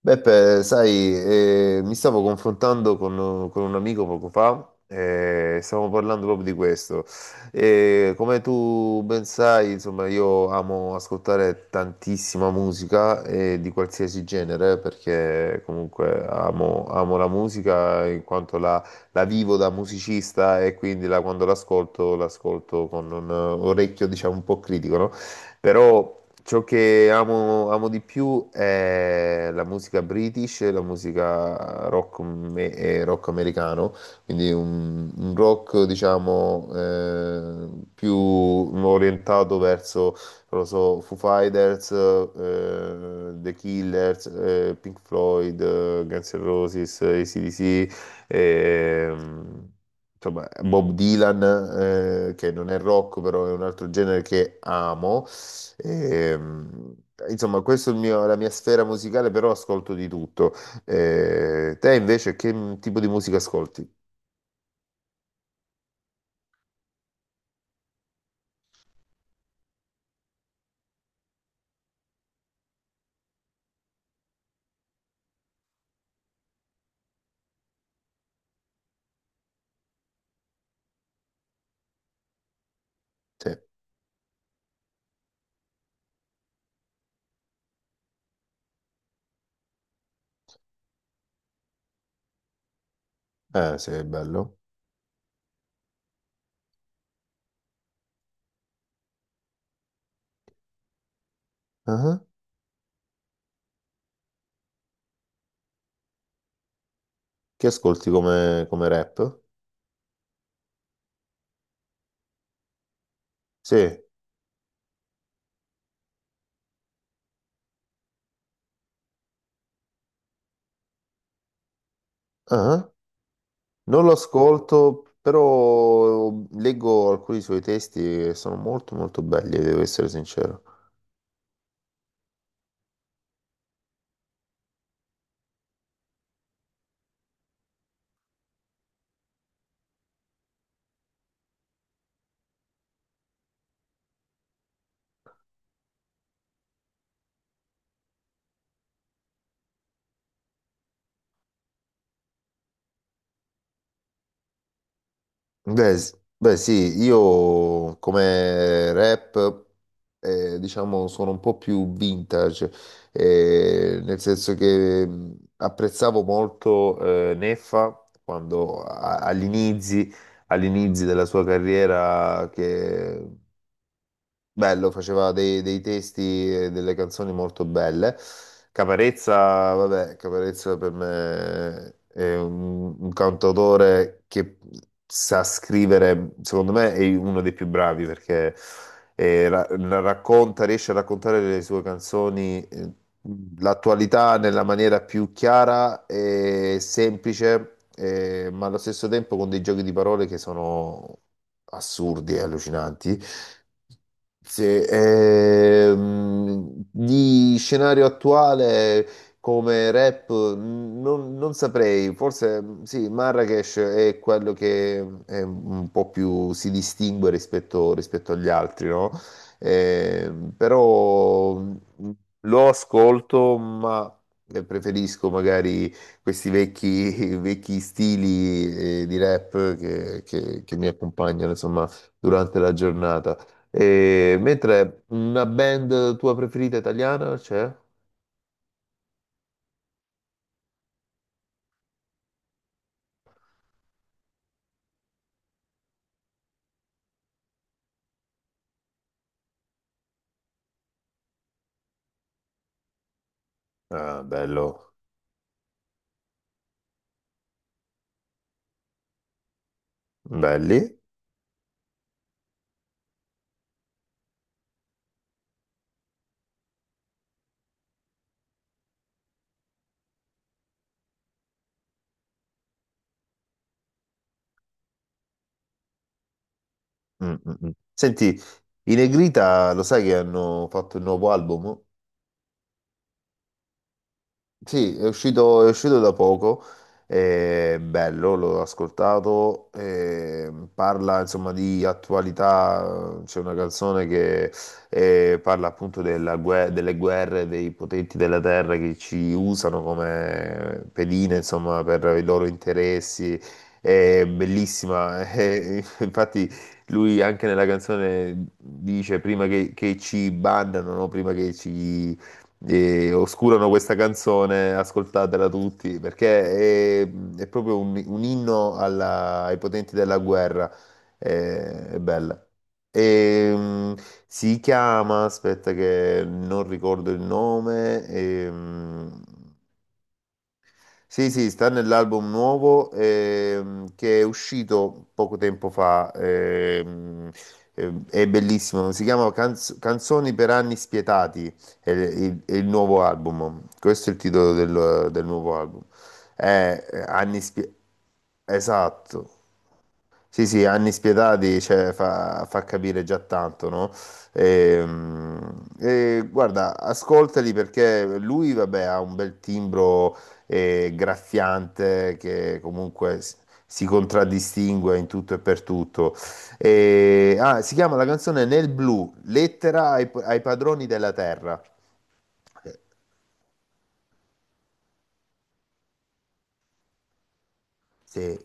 Beppe, sai, mi stavo confrontando con un amico poco fa e stavamo parlando proprio di questo. E come tu ben sai, insomma, io amo ascoltare tantissima musica e di qualsiasi genere perché comunque amo la musica in quanto la vivo da musicista e quindi quando l'ascolto, l'ascolto con un orecchio, diciamo, un po' critico, no? Però ciò che amo di più è la musica british, la musica rock, e rock americano, quindi un rock, diciamo, più orientato verso, non lo so, Foo Fighters, The Killers, Pink Floyd, Guns N' Roses, AC/DC, ehm, insomma, Bob Dylan, che non è rock, però è un altro genere che amo. E, mh, insomma, questa è il mio- la mia sfera musicale, però ascolto di tutto. Te invece che tipo di musica ascolti? Sì, sì, è bello. Ah. Che ascolti come, come rap? Sì, ah. Non lo ascolto, però leggo alcuni suoi testi e sono molto molto belli, devo essere sincero. Beh, sì, io come rap, diciamo, sono un po' più vintage, nel senso che apprezzavo molto Neffa quando agli inizi della sua carriera che bello, faceva dei testi e delle canzoni molto belle. Caparezza, vabbè, Caparezza per me è un cantautore che sa scrivere, secondo me è uno dei più bravi perché la racconta, riesce a raccontare le sue canzoni, l'attualità nella maniera più chiara e semplice, ma allo stesso tempo con dei giochi di parole che sono assurdi e allucinanti. Sì, di scenario attuale come rap non saprei, forse sì, Marrakesh è quello che è un po' più si distingue rispetto agli altri, no? Però lo ascolto, ma preferisco magari questi vecchi, vecchi stili di rap che mi accompagnano, insomma, durante la giornata. E mentre una band tua preferita italiana c'è? Ah, bello, belli. Mm, mm, mm. Senti, i Negrita lo sai che hanno fatto il nuovo album? Sì, è uscito da poco, è bello, l'ho ascoltato, parla insomma di attualità, c'è una canzone che parla appunto delle guerre, dei potenti della terra che ci usano come pedine insomma per i loro interessi, è bellissima, infatti lui anche nella canzone dice prima che ci bandano, no? Prima che ci e oscurano questa canzone, ascoltatela tutti, perché è proprio un inno ai potenti della guerra, è, è bella. E, mm, si chiama, aspetta che non ricordo il nome, sì, sì, sta nell'album nuovo che è uscito poco tempo fa, è bellissimo, si chiama Canzoni per anni spietati, è è il nuovo album, questo è il titolo del nuovo album. Anni spietati, esatto, sì, sì, anni spietati, cioè, fa capire già tanto, no? Guarda, ascoltali perché lui, vabbè, ha un bel timbro graffiante che comunque si contraddistingue in tutto e per tutto. Si chiama la canzone Nel blu, lettera ai padroni della terra. Eh, sì.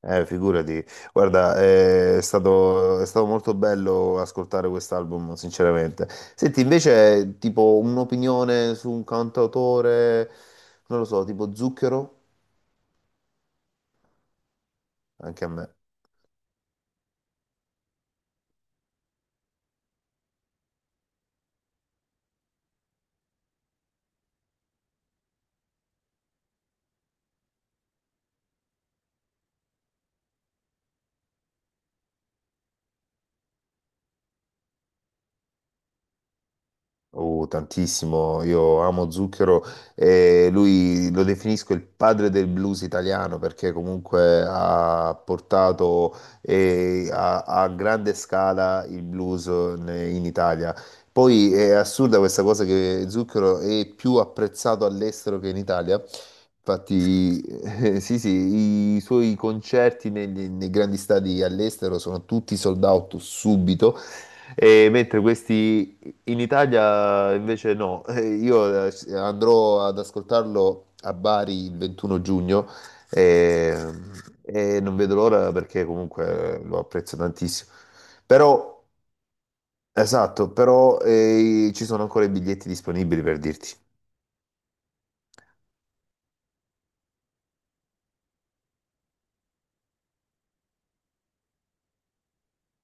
Figurati, guarda, è stato molto bello ascoltare quest'album, sinceramente. Senti, invece, tipo un'opinione su un cantautore, non lo so, tipo Zucchero, anche a me. Oh, tantissimo, io amo Zucchero e lui lo definisco il padre del blues italiano perché comunque ha portato a grande scala il blues in Italia. Poi è assurda questa cosa che Zucchero è più apprezzato all'estero che in Italia. Infatti, sì, sì, i suoi concerti nei grandi stadi all'estero sono tutti sold out subito. E mentre questi in Italia invece no. Io andrò ad ascoltarlo a Bari il 21 giugno e, e non vedo l'ora perché comunque lo apprezzo tantissimo. Però, esatto, però ci sono ancora i biglietti disponibili per dirti.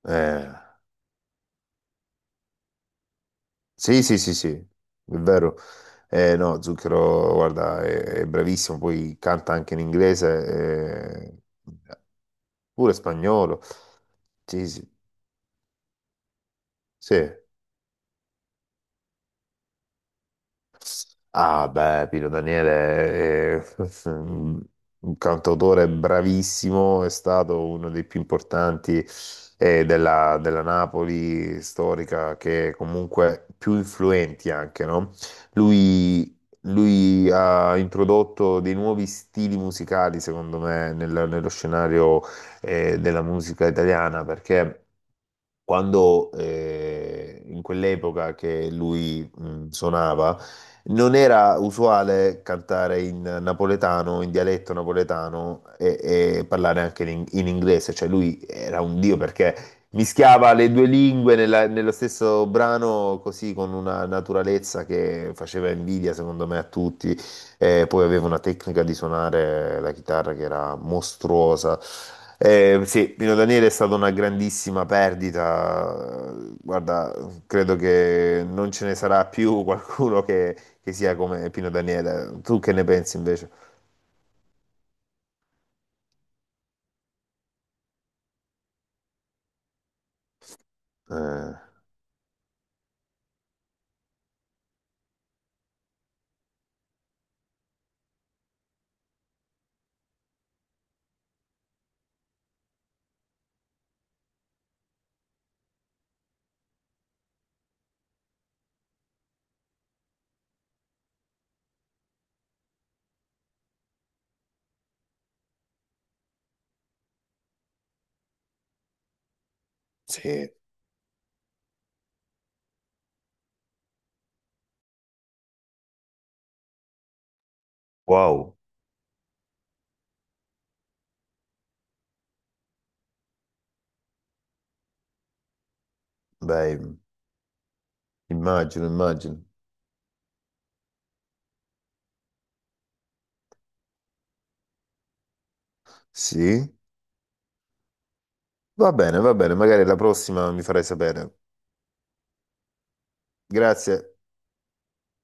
Eh, sì, è vero. No, Zucchero, guarda, è bravissimo, poi canta anche in inglese, pure spagnolo. Sì, sì, sì. Ah, beh, Pino Daniele è un cantautore bravissimo, è stato uno dei più importanti della Napoli storica, che comunque più influenti anche, no? Lui, Lui ha introdotto dei nuovi stili musicali, secondo me, nello scenario della musica italiana, perché quando in quell'epoca che lui suonava, non era usuale cantare in napoletano, in dialetto napoletano e parlare anche in inglese, cioè lui era un dio perché mischiava le due lingue nello stesso brano così con una naturalezza che faceva invidia secondo me a tutti e poi aveva una tecnica di suonare la chitarra che era mostruosa. Sì, Pino Daniele è stata una grandissima perdita. Guarda, credo che non ce ne sarà più qualcuno che sia come Pino Daniele. Tu che ne pensi invece? Eh, sì, wow, beh, immagino, immagino. Sì, va bene, magari la prossima mi farai sapere. Grazie.